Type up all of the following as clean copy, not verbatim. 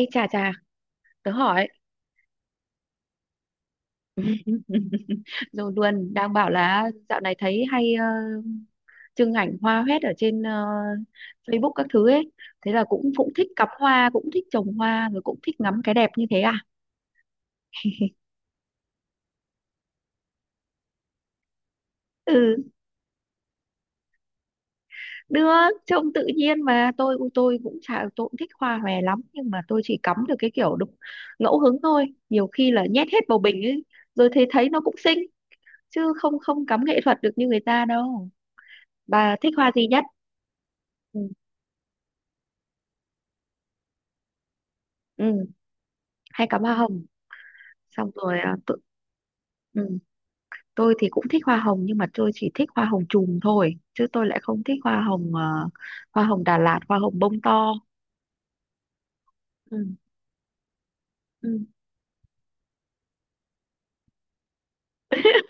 Ê chà chà, tớ hỏi rồi luôn đang bảo là dạo này thấy hay trưng ảnh hoa hoét ở trên Facebook các thứ ấy. Thế là cũng cũng thích cắm hoa, cũng thích trồng hoa rồi cũng thích ngắm cái đẹp như thế à? Ừ, được, trông tự nhiên mà tôi cũng chả tôi cũng thích hoa hòe lắm nhưng mà tôi chỉ cắm được cái kiểu đúng ngẫu hứng thôi. Nhiều khi là nhét hết bầu bình ấy rồi thấy thấy nó cũng xinh chứ không không cắm nghệ thuật được như người ta đâu. Bà thích hoa gì nhất? Ừ. Ừ. Hay cắm hoa hồng, xong rồi à, ừ, tôi thì cũng thích hoa hồng nhưng mà tôi chỉ thích hoa hồng chùm thôi chứ tôi lại không thích hoa hồng, hoa hồng Đà Lạt, hoa hồng bông to. Ừ. Ừ.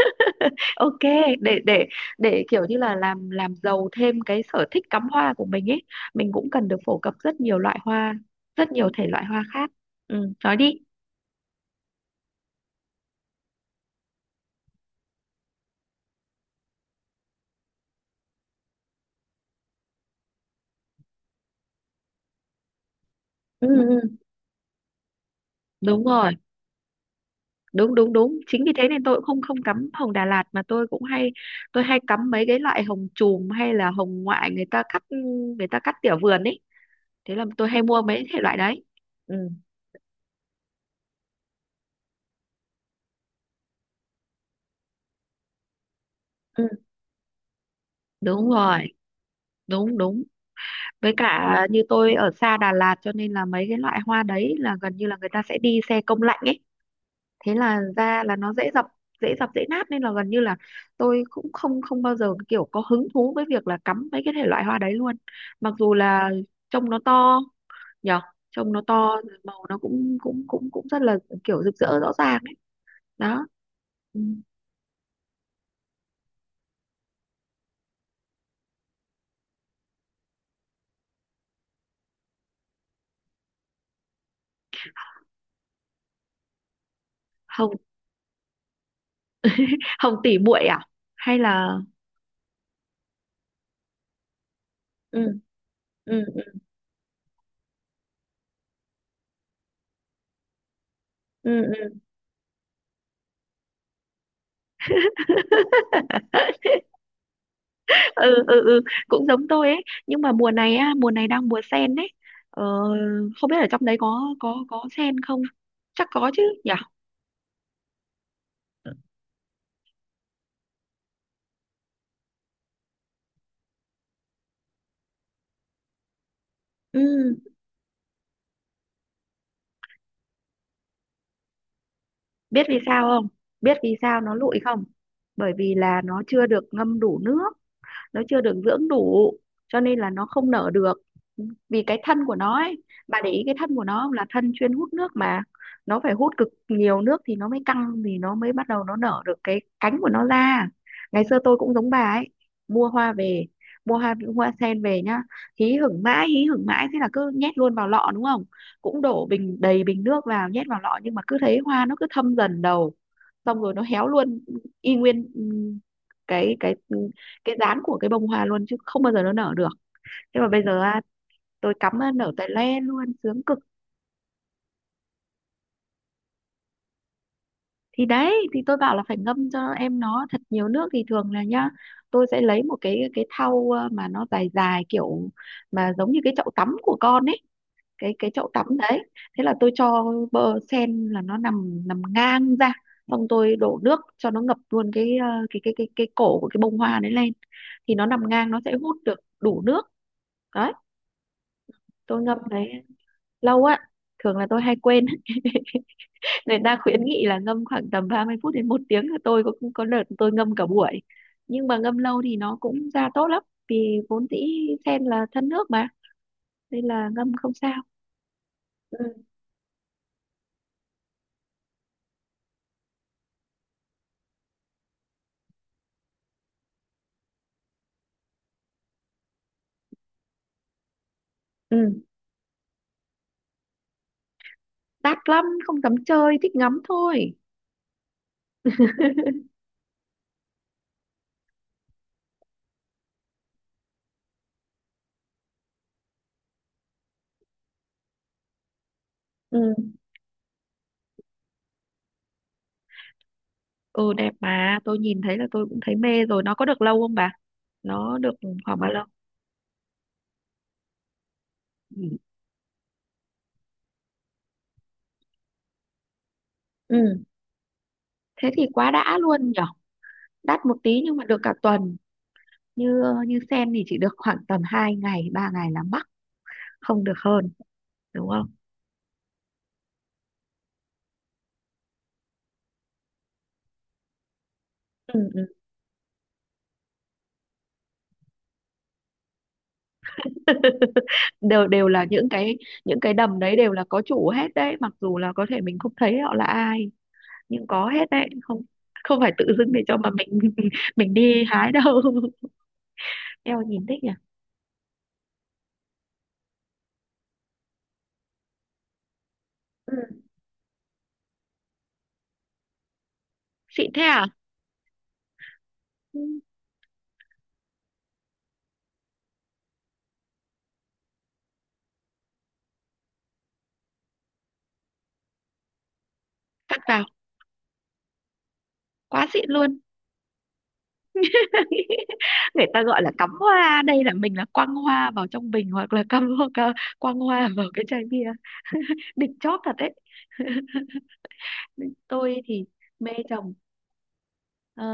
Ok, để để để kiểu như là làm giàu thêm cái sở thích cắm hoa của mình ấy, mình cũng cần được phổ cập rất nhiều loại hoa, rất nhiều thể loại hoa khác. Ừ, nói đi. Ừ, ừ, đúng rồi, đúng đúng đúng, chính vì thế nên tôi cũng không không cắm hồng Đà Lạt mà tôi hay cắm mấy cái loại hồng chùm hay là hồng ngoại người ta cắt tỉa vườn ấy, thế là tôi hay mua mấy thể loại đấy. Ừ. Ừ. Đúng rồi, đúng đúng. Với cả như tôi ở xa Đà Lạt cho nên là mấy cái loại hoa đấy là gần như là người ta sẽ đi xe công lạnh ấy, thế là ra là nó dễ dập dễ nát nên là gần như là tôi cũng không không bao giờ kiểu có hứng thú với việc là cắm mấy cái thể loại hoa đấy luôn, mặc dù là trông nó to, nhở? Trông nó to, màu nó cũng cũng cũng cũng rất là kiểu rực rỡ rõ ràng ấy. Đó. Ừ. hồng hồng tỷ muội à, hay là. Ừ ừ ừ ừ ừ. Ừ ừ ừ, cũng giống tôi ấy, nhưng mà mùa này á, mùa này đang mùa sen đấy. ờ, Không biết ở trong đấy có sen không, chắc có chứ nhỉ. Ừ. Biết vì sao không? Biết vì sao nó lụi không? Bởi vì là nó chưa được ngâm đủ nước, nó chưa được dưỡng đủ cho nên là nó không nở được, vì cái thân của nó ấy. Bà để ý cái thân của nó không? Là thân chuyên hút nước mà, nó phải hút cực nhiều nước thì nó mới căng, thì nó mới bắt đầu nó nở được cái cánh của nó ra. Ngày xưa tôi cũng giống bà ấy, mua hoa về, mua hoa hoa sen về nhá, hí hửng mãi hí hửng mãi, thế là cứ nhét luôn vào lọ đúng không, cũng đổ bình đầy bình nước vào nhét vào lọ nhưng mà cứ thấy hoa nó cứ thâm dần đầu, xong rồi nó héo luôn y nguyên, ừ, cái cái cái dáng của cái bông hoa luôn chứ không bao giờ nó nở được. Thế mà bây giờ á, tôi cắm nó nở tại le luôn, sướng cực. Thì đấy thì tôi bảo là phải ngâm cho em nó thật nhiều nước, thì thường là nhá, tôi sẽ lấy một cái thau mà nó dài dài kiểu mà giống như cái chậu tắm của con ấy, cái chậu tắm đấy. Thế là tôi cho bơ sen là nó nằm nằm ngang ra, xong tôi đổ nước cho nó ngập luôn cái ờ, cái cổ của cái bông hoa đấy lên, thì nó nằm ngang nó sẽ hút được đủ nước, đấy, tôi ngâm đấy. Lâu á, thường là tôi hay quên. Người ta khuyến nghị là ngâm khoảng tầm 30 phút đến 1 tiếng, tôi có đợt tôi ngâm cả buổi, nhưng mà ngâm lâu thì nó cũng ra tốt lắm vì vốn dĩ sen là thân nước mà, nên là ngâm không sao. Ừ ừ. Đắt lắm không dám chơi, thích ngắm thôi. Ừ ừ. Đẹp mà tôi nhìn thấy là tôi cũng thấy mê rồi, nó có được lâu không bà, nó được khoảng bao lâu? Ừ. Ừ, thế thì quá đã luôn nhở, đắt một tí nhưng mà được cả tuần, như như sen thì chỉ được khoảng tầm 2 ngày 3 ngày là mắc, không được hơn đúng không? Ừ ừ. đều đều là những cái đầm đấy đều là có chủ hết đấy, mặc dù là có thể mình không thấy họ là ai, nhưng có hết đấy, không? Không phải tự dưng để cho mà mình mình đi hái đâu. Eo nhìn thích nhỉ. Ừ. Xịn thế à? Ừ, cắt vào. Quá xịn luôn. Người ta gọi là cắm hoa đây là mình là quăng hoa vào trong bình hoặc là cắm, hoặc là quăng hoa vào cái chai bia. Đỉnh chóp thật đấy. Tôi thì mê trồng. Ờ,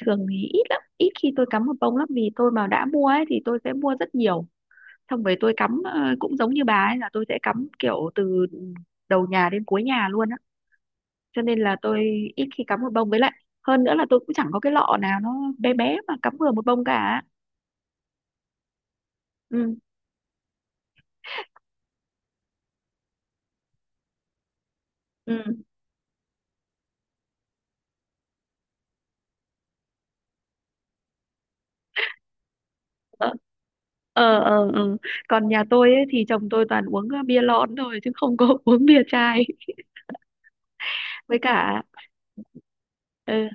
thường thì ít lắm, ít khi tôi cắm một bông lắm vì tôi mà đã mua ấy thì tôi sẽ mua rất nhiều, xong rồi tôi cắm, cũng giống như bà ấy là tôi sẽ cắm kiểu từ đầu nhà đến cuối nhà luôn á, cho nên là tôi ít khi cắm một bông, với lại hơn nữa là tôi cũng chẳng có cái lọ nào nó bé bé mà cắm vừa một bông cả. Ừ ừ. Ờ ờ ờ ờ. Còn nhà tôi ấy, thì chồng tôi toàn uống bia lon thôi chứ không có uống bia chai, với cả. Ừ.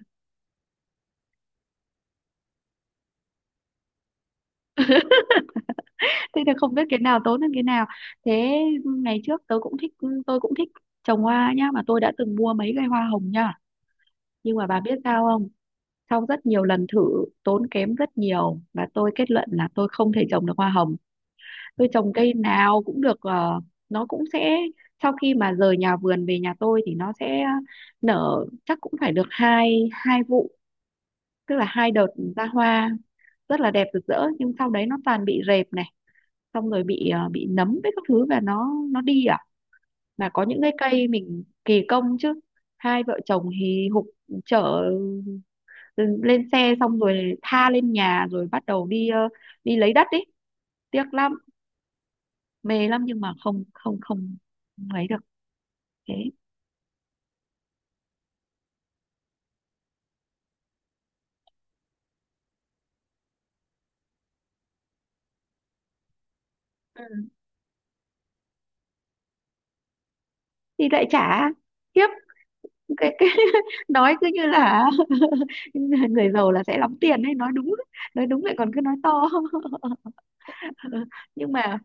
Thế thì không biết cái nào tốt hơn cái nào. Thế, ngày trước tớ cũng thích, tôi cũng thích trồng hoa nhá, mà tôi đã từng mua mấy cây hoa hồng nhá, nhưng mà bà biết sao không? Sau rất nhiều lần thử, tốn kém rất nhiều, và tôi kết luận là tôi không thể trồng được hoa hồng. Tôi trồng cây nào cũng được, nó cũng sẽ, sau khi mà rời nhà vườn về nhà tôi thì nó sẽ nở, chắc cũng phải được hai hai vụ, tức là 2 đợt ra hoa, rất là đẹp rực rỡ, nhưng sau đấy nó toàn bị rệp này, xong rồi bị nấm với các thứ và nó đi à, mà có những cái cây mình kỳ công chứ, hai vợ chồng hì hục chở lên xe xong rồi tha lên nhà rồi bắt đầu đi, đi lấy đất ý, tiếc lắm, mê lắm, nhưng mà không không không không ấy được, thế. Ừ. Thì lại trả tiếp cái, nói cứ như là người giàu là sẽ lắm tiền ấy, nói đúng, nói đúng lại còn cứ nói to. Nhưng mà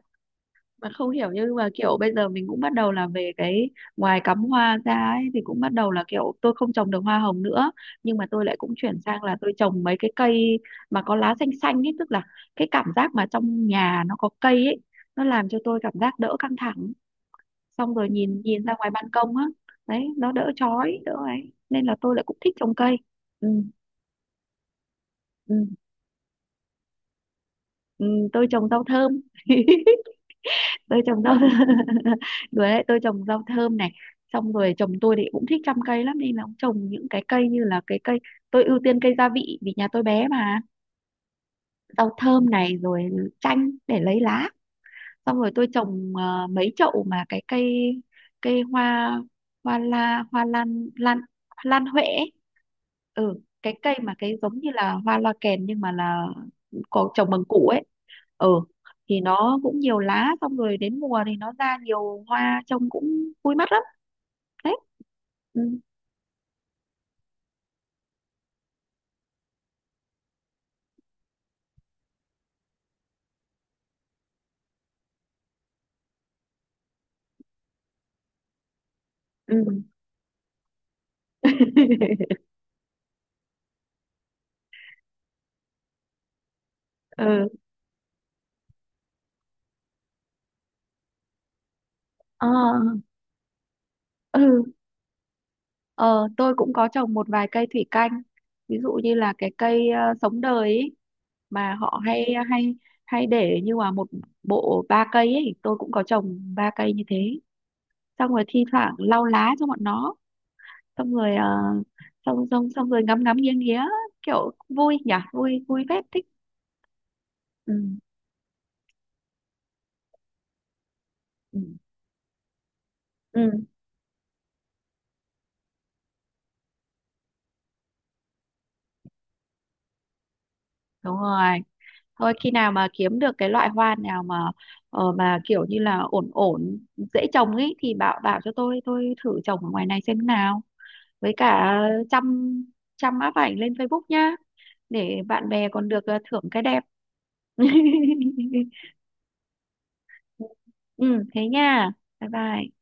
mà không hiểu, nhưng mà kiểu bây giờ mình cũng bắt đầu là về cái, ngoài cắm hoa ra ấy thì cũng bắt đầu là kiểu tôi không trồng được hoa hồng nữa, nhưng mà tôi lại cũng chuyển sang là tôi trồng mấy cái cây mà có lá xanh xanh ấy, tức là cái cảm giác mà trong nhà nó có cây ấy nó làm cho tôi cảm giác đỡ căng thẳng, xong rồi nhìn, ra ngoài ban công á, đấy nó đỡ chói đỡ ấy, nên là tôi lại cũng thích trồng cây. Ừ, ừ, ừ, tôi trồng rau thơm. Tôi trồng rau. Đùa đấy, tôi trồng rau thơm này, xong rồi chồng tôi thì cũng thích chăm cây lắm nên là ông trồng những cái cây như là cái cây, tôi ưu tiên cây gia vị vì nhà tôi bé mà. Rau thơm này rồi chanh để lấy lá, xong rồi tôi trồng, mấy chậu mà cái cây cây hoa hoa la hoa lan lan lan huệ ấy. Ừ, cái cây mà cái giống như là hoa loa kèn nhưng mà là có trồng bằng củ ấy. Ừ. Thì nó cũng nhiều lá xong rồi đến mùa thì nó ra nhiều hoa trông cũng vui mắt lắm đấy. Ừ ừ. Ừ ờ ừ ờ. Tôi cũng có trồng một vài cây thủy canh, ví dụ như là cái cây sống đời ý, mà họ hay hay hay để như là một bộ ba cây ấy, tôi cũng có trồng 3 cây như thế, xong rồi thi thoảng lau lá cho bọn nó, xong rồi ờ, xong xong xong rồi ngắm ngắm nghiêng nghía, kiểu vui nhỉ, vui vui phết, thích. Ừ, ừ, ừ, đúng rồi. Thôi khi nào mà kiếm được cái loại hoa nào mà, mà kiểu như là ổn ổn dễ trồng ấy thì bảo bảo cho tôi thử trồng ở ngoài này xem nào, với cả chăm chăm áp ảnh lên Facebook nhá, để bạn bè còn được thưởng cái đẹp. Ừ thế nha, bye bye.